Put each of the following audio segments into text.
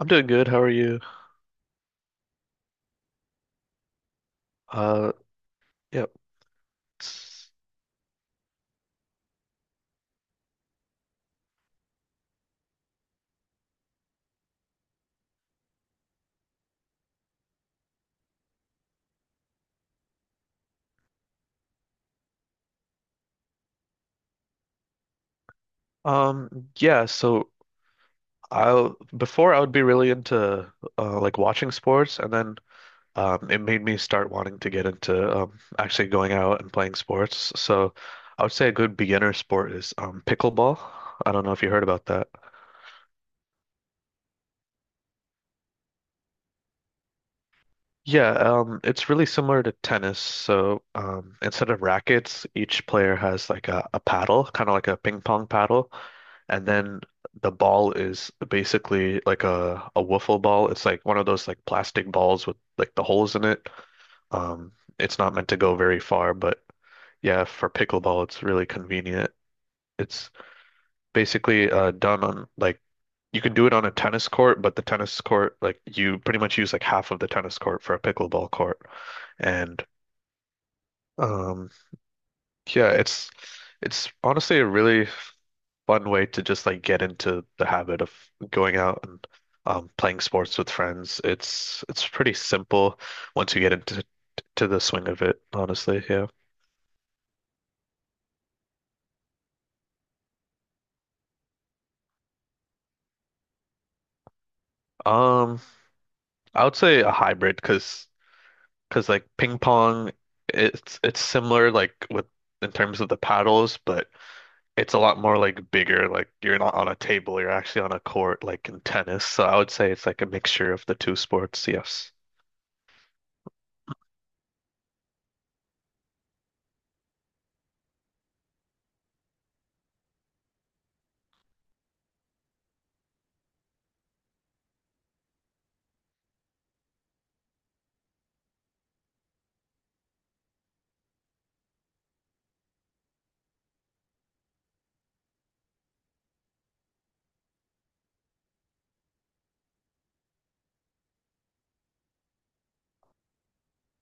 I'm doing good. How are you? Uh, yep. Yeah, so I'll before I would be really into like watching sports, and then it made me start wanting to get into actually going out and playing sports. So I would say a good beginner sport is pickleball. I don't know if you heard about that. Yeah, it's really similar to tennis. So instead of rackets, each player has like a paddle, kind of like a ping pong paddle. And then the ball is basically like a wiffle ball. It's like one of those like plastic balls with like the holes in it. Um, it's not meant to go very far, but yeah, for pickleball, it's really convenient. It's basically done on like you can do it on a tennis court, but the tennis court, like you pretty much use like half of the tennis court for a pickleball court. And um, yeah, it's honestly a really fun way to just like get into the habit of going out and playing sports with friends. It's pretty simple once you get into to the swing of it, honestly. Yeah. Um, I would say a hybrid because like ping pong, it's similar like with in terms of the paddles, but it's a lot more like bigger. Like you're not on a table, you're actually on a court, like in tennis. So I would say it's like a mixture of the two sports. Yes.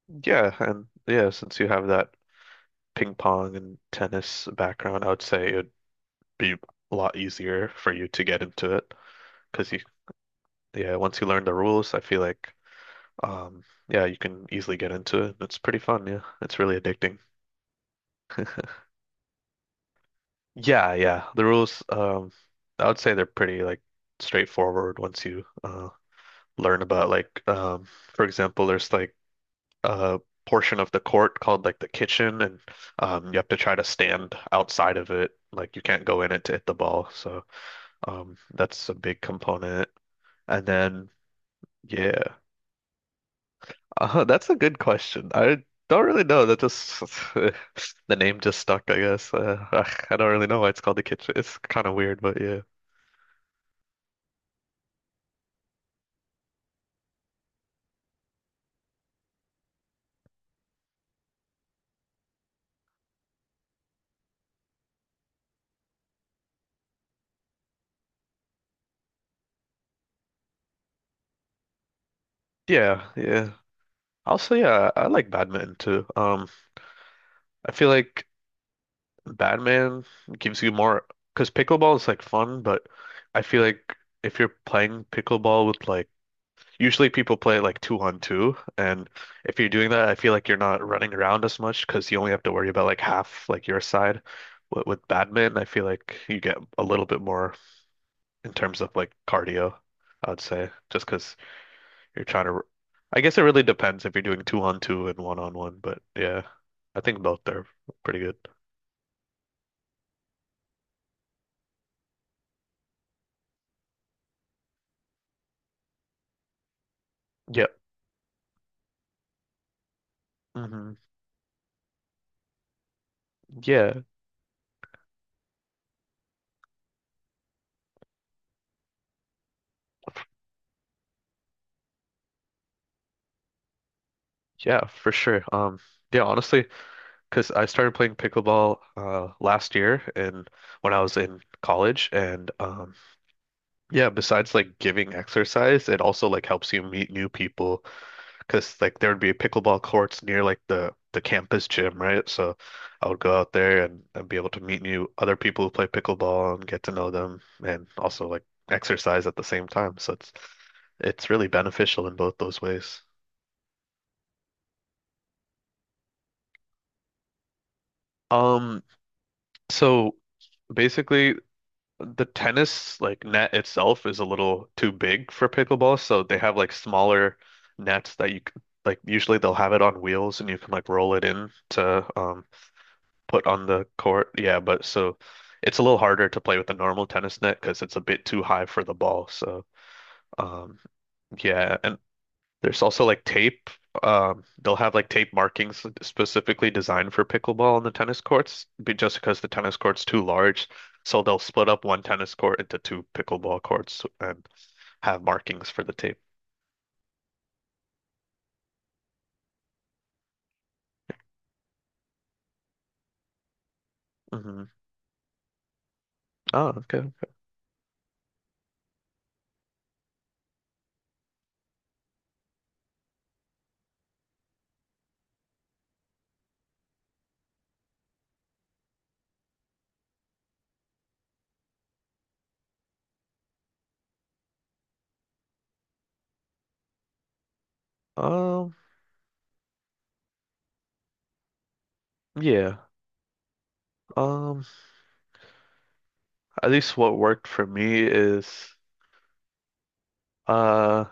Yeah, and yeah, since you have that ping pong and tennis background, I would say it would be a lot easier for you to get into it because you, yeah, once you learn the rules, I feel like, yeah, you can easily get into it. It's pretty fun, yeah. It's really addicting. Yeah, yeah. The rules, I would say they're pretty like straightforward once you learn about like for example, there's like a portion of the court called like the kitchen, and you have to try to stand outside of it. Like you can't go in it to hit the ball. So that's a big component. And then, yeah, that's a good question. I don't really know. That just the name just stuck, I guess. Ugh, I don't really know why it's called the kitchen. It's kind of weird, but yeah, yeah, yeah. Also, yeah, I like badminton too. I feel like badminton gives you more because pickleball is like fun, but I feel like if you're playing pickleball with like usually people play like two on two, and if you're doing that, I feel like you're not running around as much because you only have to worry about like half like your side. With badminton, I feel like you get a little bit more in terms of like cardio, I would say, just because you're trying to. I guess it really depends if you're doing two on two and one on one, but yeah, I think both are pretty good. Yep. Hmm. Yeah. Yeah, for sure. Yeah, honestly, because I started playing pickleball last year, and when I was in college, and yeah, besides like giving exercise, it also like helps you meet new people because like there would be pickleball courts near like the campus gym, right? So I would go out there and be able to meet new other people who play pickleball and get to know them, and also like exercise at the same time. So it's really beneficial in both those ways. Um, so basically the tennis like net itself is a little too big for pickleball, so they have like smaller nets that like usually they'll have it on wheels, and you can like roll it in to put on the court. Yeah, but so it's a little harder to play with the normal tennis net because it's a bit too high for the ball. So um yeah, and there's also like tape. They'll have like tape markings specifically designed for pickleball on the tennis courts, just because the tennis court's too large. So they'll split up one tennis court into two pickleball courts and have markings for the tape. Hmm. Oh, okay. Um, yeah. Um, at least what worked for me is uh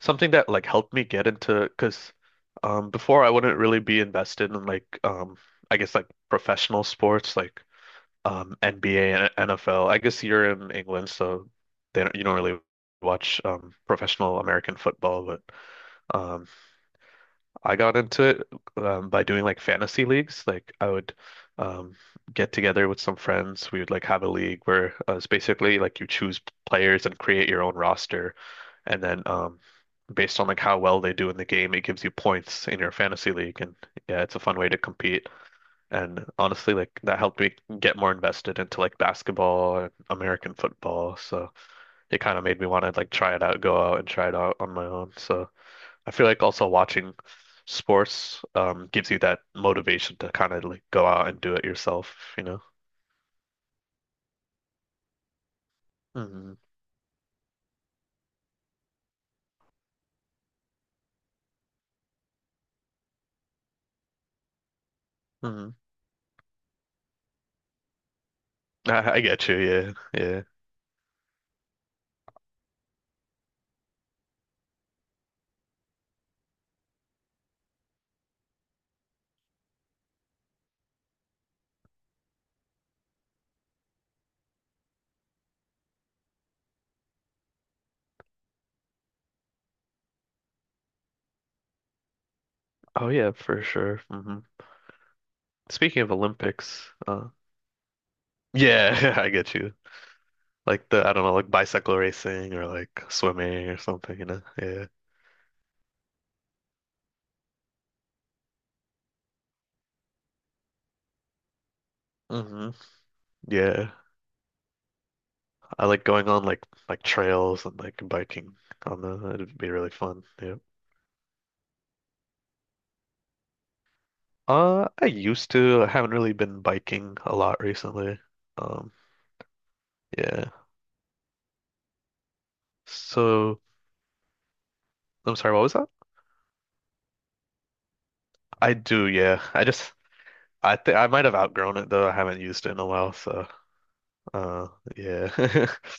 something that like helped me get into because before I wouldn't really be invested in like I guess like professional sports like NBA and NFL. I guess you're in England, so they don't, you don't really watch professional American football, but um I got into it by doing like fantasy leagues. Like I would um get together with some friends. We would like have a league where it's basically like you choose players and create your own roster. And then based on like how well they do in the game, it gives you points in your fantasy league. And yeah, it's a fun way to compete. And honestly, like that helped me get more invested into like basketball and American football. So it kind of made me want to like try it out, go out and try it out on my own. So I feel like also watching sports gives you that motivation to kind of like go out and do it yourself, you know? Hmm. Hmm. I get you. Yeah. Yeah. Oh yeah, for sure. Hmm. Speaking of Olympics, yeah, I get you. Like the, I don't know, like bicycle racing or like swimming or something, you know? Yeah. Mhm. Yeah, I like going on like trails and like biking on the. It'd be really fun. Yeah. I used to. I haven't really been biking a lot recently. Um, yeah. So I'm sorry. What was that? I do. Yeah. I just. I think I might have outgrown it though. I haven't used it in a while. So, uh, yeah.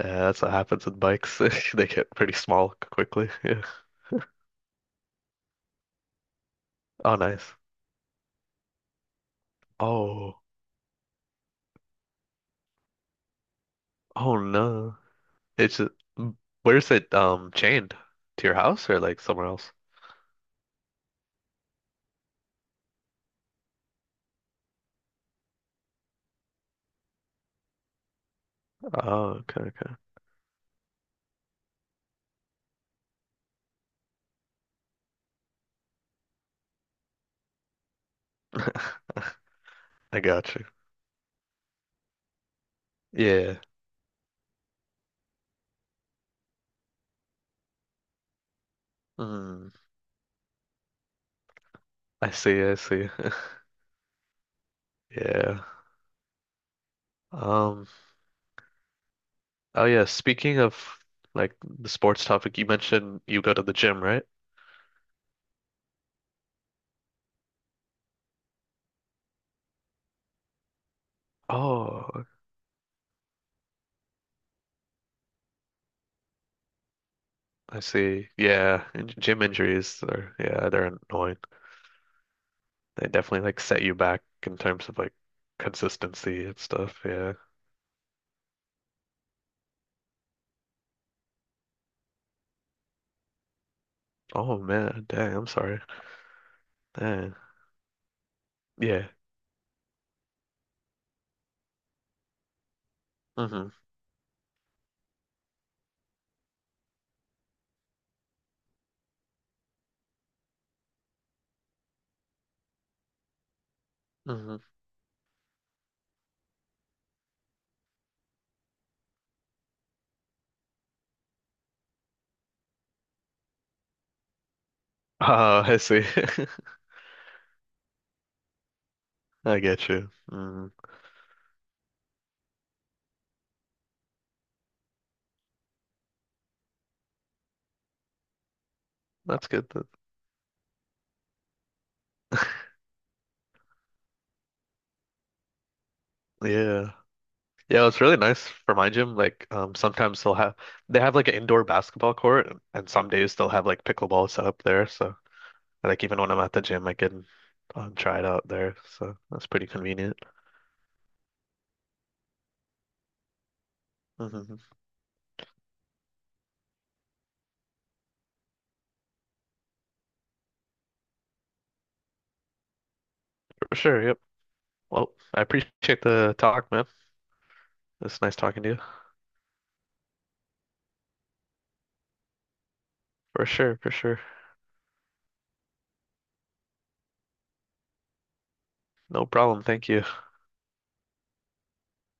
Yeah, that's what happens with bikes. They get pretty small quickly. Yeah. Oh, nice. Oh. Oh no. It's a, where's it chained? To your house or like somewhere else? Oh, okay, okay. I got you. Yeah. Mm, I see, I see. Yeah. Um, oh yeah, speaking of like the sports topic, you mentioned you go to the gym, right? Oh, I see. Yeah, and gym injuries are yeah, they're annoying. They definitely like set you back in terms of like consistency and stuff. Yeah. Oh man, dang, I'm sorry. Dang. Yeah. Mm-hmm. Mm-hmm. Ah, I see. I get you. Mm, that's good. Yeah. Yeah, it's really nice for my gym. Like, sometimes they'll have they have like an indoor basketball court, and some days they'll have like pickleball set up there. So, like, even when I'm at the gym, I can try it out there. So that's pretty convenient. Hmm. For sure. Yep. Well, I appreciate the talk, man. It's nice talking to you. For sure. For sure. No problem. Thank you.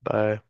Bye.